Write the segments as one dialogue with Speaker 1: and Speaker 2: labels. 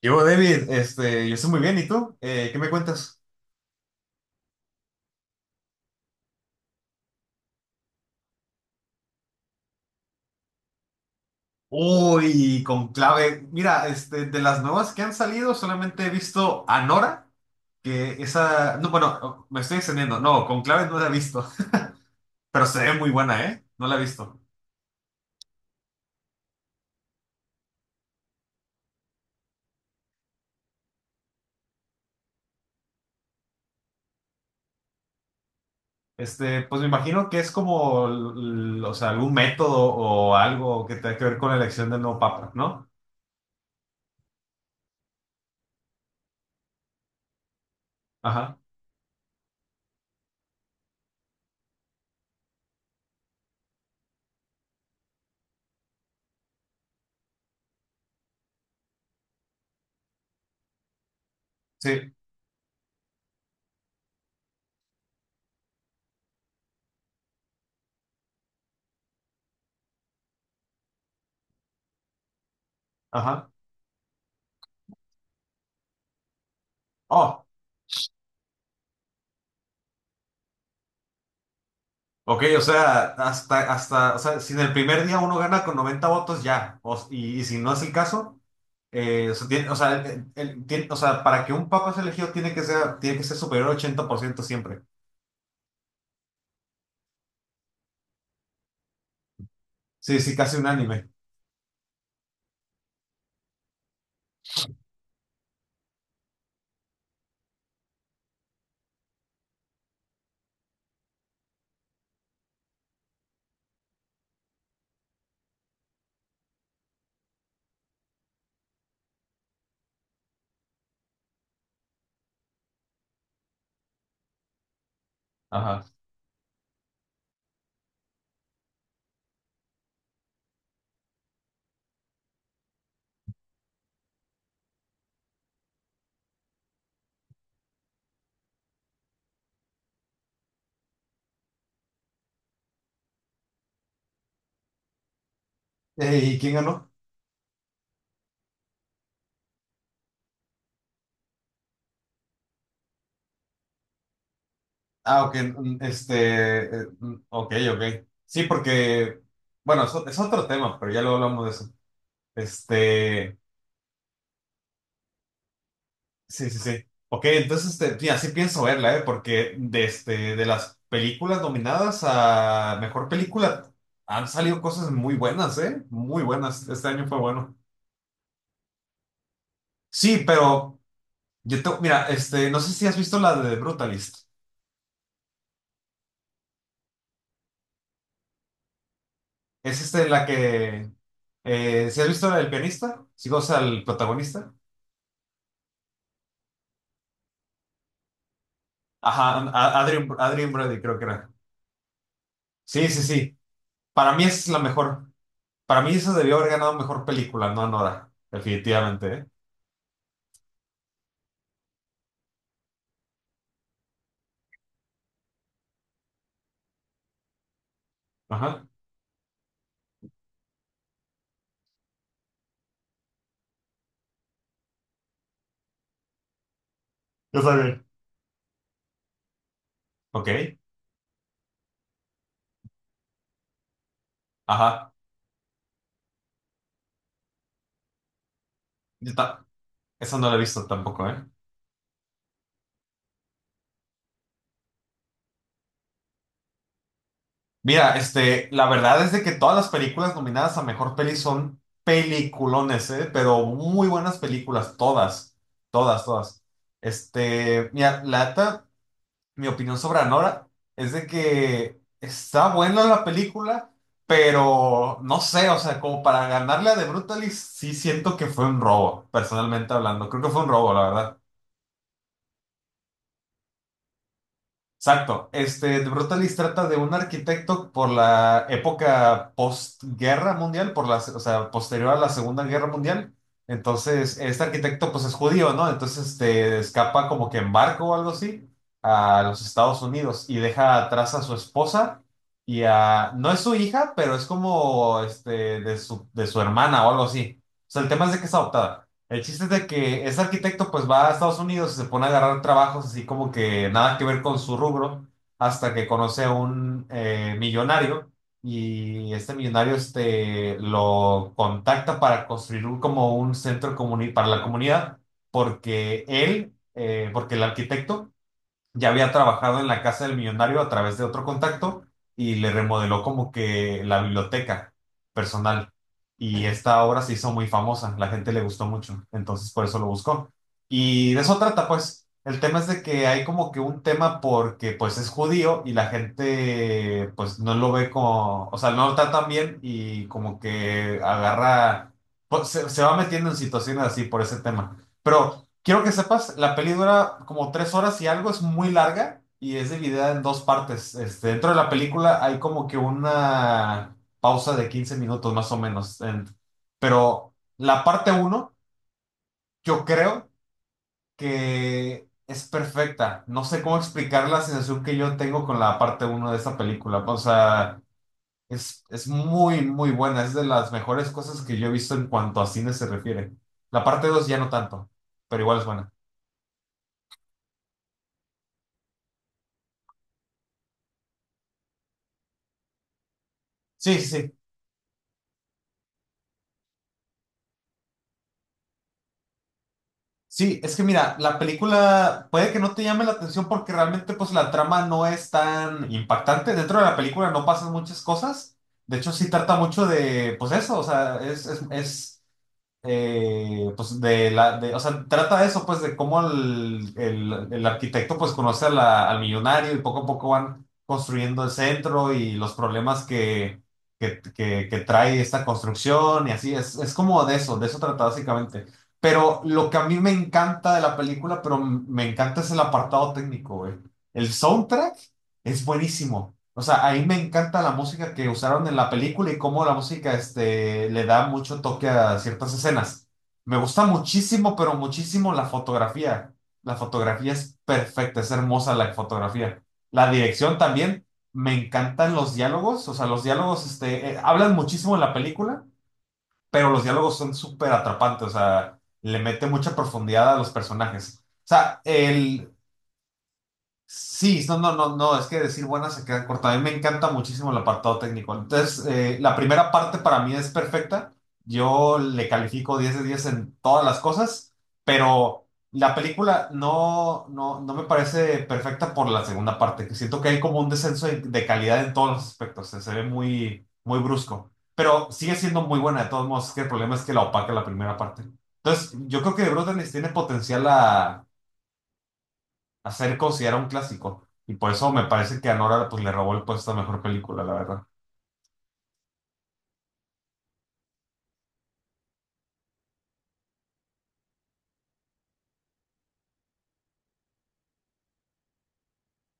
Speaker 1: Yo, David, yo estoy muy bien, ¿y tú? ¿Qué me cuentas? Uy, con clave. Mira, de las nuevas que han salido, solamente he visto Anora, que esa, no, bueno, me estoy extendiendo, no, con clave no la he visto, pero se ve muy buena, ¿eh? No la he visto. Pues me imagino que es como, o sea, algún método o algo que tenga que ver con la elección del nuevo papa, ¿no? Ajá, sí, ajá. Oh. Ok, o sea, hasta, o sea, si en el primer día uno gana con 90, ya. Y, y si no es el caso, o sea, o sea, o sea, para que un papa sea elegido tiene que ser superior al 80% siempre. Sí, sí, casi unánime. Ajá. ¿Y quién ganó? Ah, ok, ok, ok. Sí, porque, bueno, eso es otro tema, pero ya luego hablamos de eso. Este, Sí, sí, sí. Ok, entonces, sí, así pienso verla, ¿eh? Porque de, de las películas nominadas a mejor película han salido cosas muy buenas, ¿eh? Muy buenas. Este año fue bueno. Sí, pero mira, no sé si has visto la de Brutalist. Es este la que, ¿sí has visto la del pianista? Sí, o sea, el protagonista. Ajá, Adrien, Brody creo que era. Sí, sí, sí. Para mí es la mejor. Para mí esa debió haber ganado mejor película, no Nora. Definitivamente, ¿eh? Ajá. Yo también. Ok, ajá. Yo ta- Esa no la he visto tampoco, ¿eh? Mira, la verdad es de que todas las películas nominadas a mejor peli son peliculones, ¿eh? Pero muy buenas películas, todas, todas, todas. Mira, la neta, mi opinión sobre Anora es de que está buena la película, pero no sé, o sea, como para ganarle a The Brutalist, sí siento que fue un robo, personalmente hablando. Creo que fue un robo, la verdad. Exacto. The Brutalist trata de un arquitecto por la época postguerra mundial, por la, o sea, posterior a la Segunda Guerra Mundial. Entonces, este arquitecto pues es judío, ¿no? Entonces, escapa como que en barco o algo así a los Estados Unidos y deja atrás a su esposa y a, no es su hija, pero es como, de su hermana o algo así. O sea, el tema es de que es adoptada. El chiste es de que ese arquitecto pues va a Estados Unidos y se pone a agarrar trabajos así como que nada que ver con su rubro hasta que conoce a un millonario y este millonario lo contacta para construir como un para la comunidad porque él, porque el arquitecto ya había trabajado en la casa del millonario a través de otro contacto y le remodeló como que la biblioteca personal. Y esta obra se hizo muy famosa, la gente le gustó mucho, entonces por eso lo buscó. Y de eso trata, pues. El tema es de que hay como que un tema porque pues es judío y la gente pues no lo ve como, o sea, no lo tratan bien y como que agarra, pues, se va metiendo en situaciones así por ese tema. Pero quiero que sepas, la peli dura como 3 y algo, es muy larga y es dividida en dos partes. Dentro de la película hay como que una pausa de 15 más o menos. Pero la parte uno, yo creo que es perfecta. No sé cómo explicar la sensación que yo tengo con la parte uno de esta película. O sea, es muy, muy buena. Es de las mejores cosas que yo he visto en cuanto a cine se refiere. La parte dos ya no tanto, pero igual es buena. Sí, sí, sí. Sí, es que mira, la película puede que no te llame la atención porque realmente pues la trama no es tan impactante. Dentro de la película no pasan muchas cosas. De hecho, sí trata mucho de, pues eso, o sea, pues de la, de, o sea, trata eso, pues de cómo el arquitecto pues conoce a al millonario y poco a poco van construyendo el centro y los problemas que trae esta construcción y así, es como de eso trata básicamente. Pero lo que a mí me encanta de la película, pero me encanta es el apartado técnico, güey. El soundtrack es buenísimo. O sea, ahí me encanta la música que usaron en la película y cómo la música, le da mucho toque a ciertas escenas. Me gusta muchísimo, pero muchísimo la fotografía. La fotografía es perfecta, es hermosa la fotografía. La dirección también. Me encantan los diálogos. O sea, los diálogos, hablan muchísimo en la película pero los diálogos son súper atrapantes, o sea, le mete mucha profundidad a los personajes. O sea, el, sí, no, no, no, no, es que decir buena se queda corta. A mí me encanta muchísimo el apartado técnico. Entonces, la primera parte para mí es perfecta. Yo le califico 10 de 10 en todas las cosas, pero la película no me parece perfecta por la segunda parte, que siento que hay como un descenso de calidad en todos los aspectos. Se ve muy, muy brusco, pero sigue siendo muy buena de todos modos. Es que el problema es que la opaca la primera parte. Entonces, yo creo que The Brutalist tiene potencial a ser considerado un clásico. Y por eso me parece que a Nora pues, le robó el puesto a mejor película, la verdad.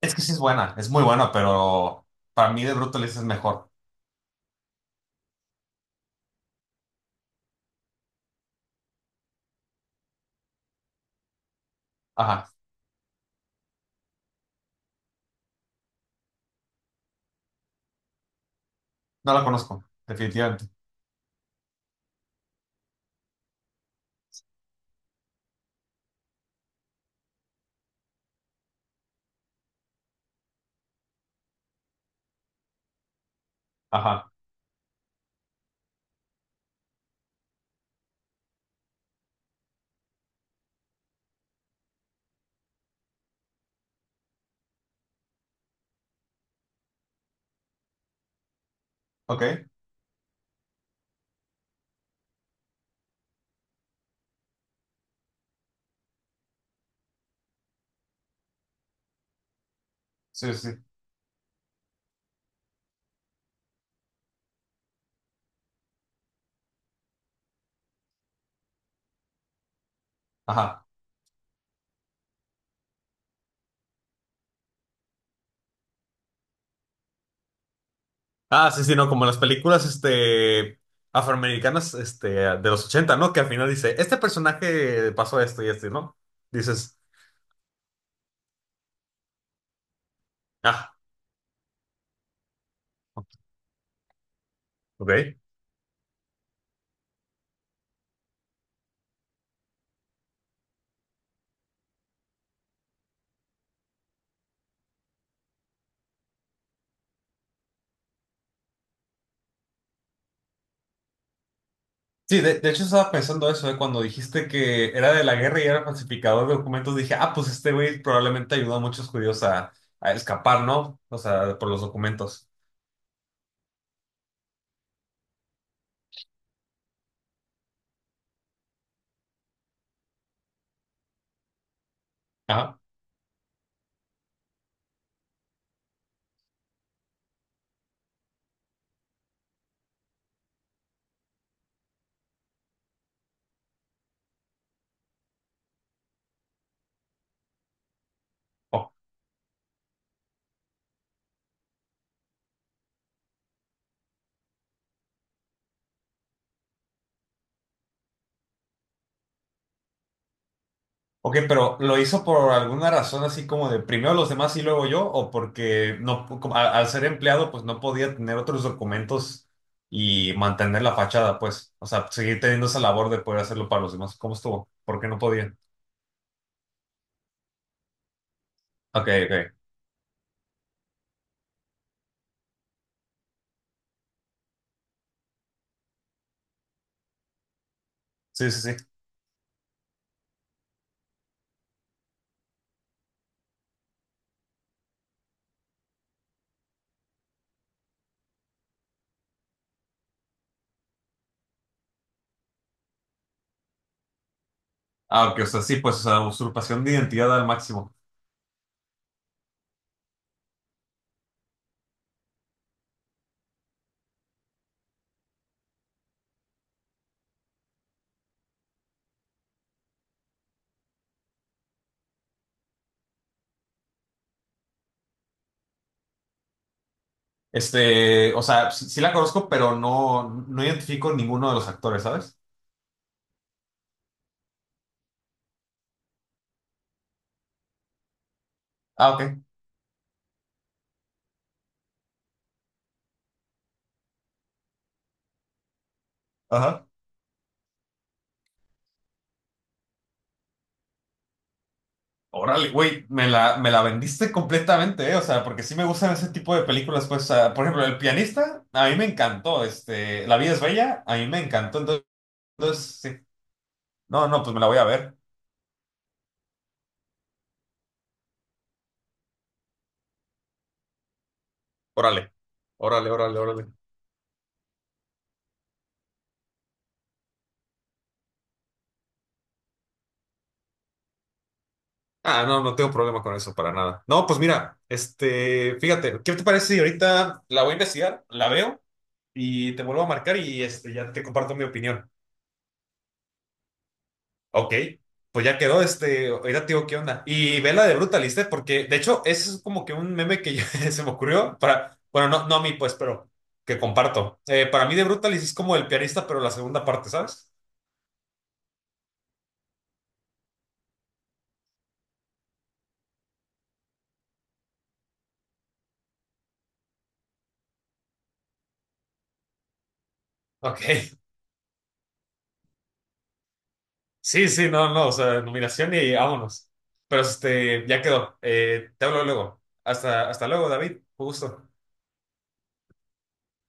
Speaker 1: Es que sí es buena, es muy buena, pero para mí de Brutalist es mejor. Ajá, no la conozco, definitivamente. Ajá, ok, sí, sí, ajá. Ah, sí, sí, no, como las películas, afroamericanas, de los ochenta, ¿no? Que al final dice, este personaje pasó esto y esto, ¿no? Dices, ah, ok. Sí, de hecho estaba pensando eso, de cuando dijiste que era de la guerra y era falsificador de documentos, dije, ah, pues este güey probablemente ayudó a muchos judíos a escapar, ¿no? O sea, por los documentos. Ajá. Oh, ok, pero ¿lo hizo por alguna razón así como de primero los demás y luego yo? ¿O porque no, como al ser empleado, pues no podía tener otros documentos y mantener la fachada, pues? O sea, seguir teniendo esa labor de poder hacerlo para los demás. ¿Cómo estuvo? ¿Por qué no podía? Ok, ok. Sí, sí, sí. Ah, ok, o sea, sí, pues, o sea, usurpación de identidad al máximo. O sea, sí, sí la conozco, pero no, no identifico ninguno de los actores, ¿sabes? Ah, ok. Ajá. Órale, güey, me la vendiste completamente, ¿eh? O sea, porque sí me gustan ese tipo de películas, pues, o sea, por ejemplo, El pianista, a mí me encantó, La vida es bella, a mí me encantó, entonces, sí. No, no, pues me la voy a ver. Órale, órale, órale, órale. Ah, no, no tengo problema con eso para nada. No, pues mira, fíjate, ¿qué te parece si ahorita la voy a investigar, la veo y te vuelvo a marcar y ya te comparto mi opinión? Ok, pues ya quedó, ahorita te digo qué onda. Y ve la de Brutaliste, porque de hecho ese es como que un meme que se me ocurrió para, bueno, no, no a mí pues, pero que comparto. Para mí de Brutalist es como el pianista, pero la segunda parte, ¿sabes? Ok. Sí, sí, no, no, o sea, nominación y vámonos. Pero ya quedó. Te hablo luego. Hasta luego, David. Un gusto.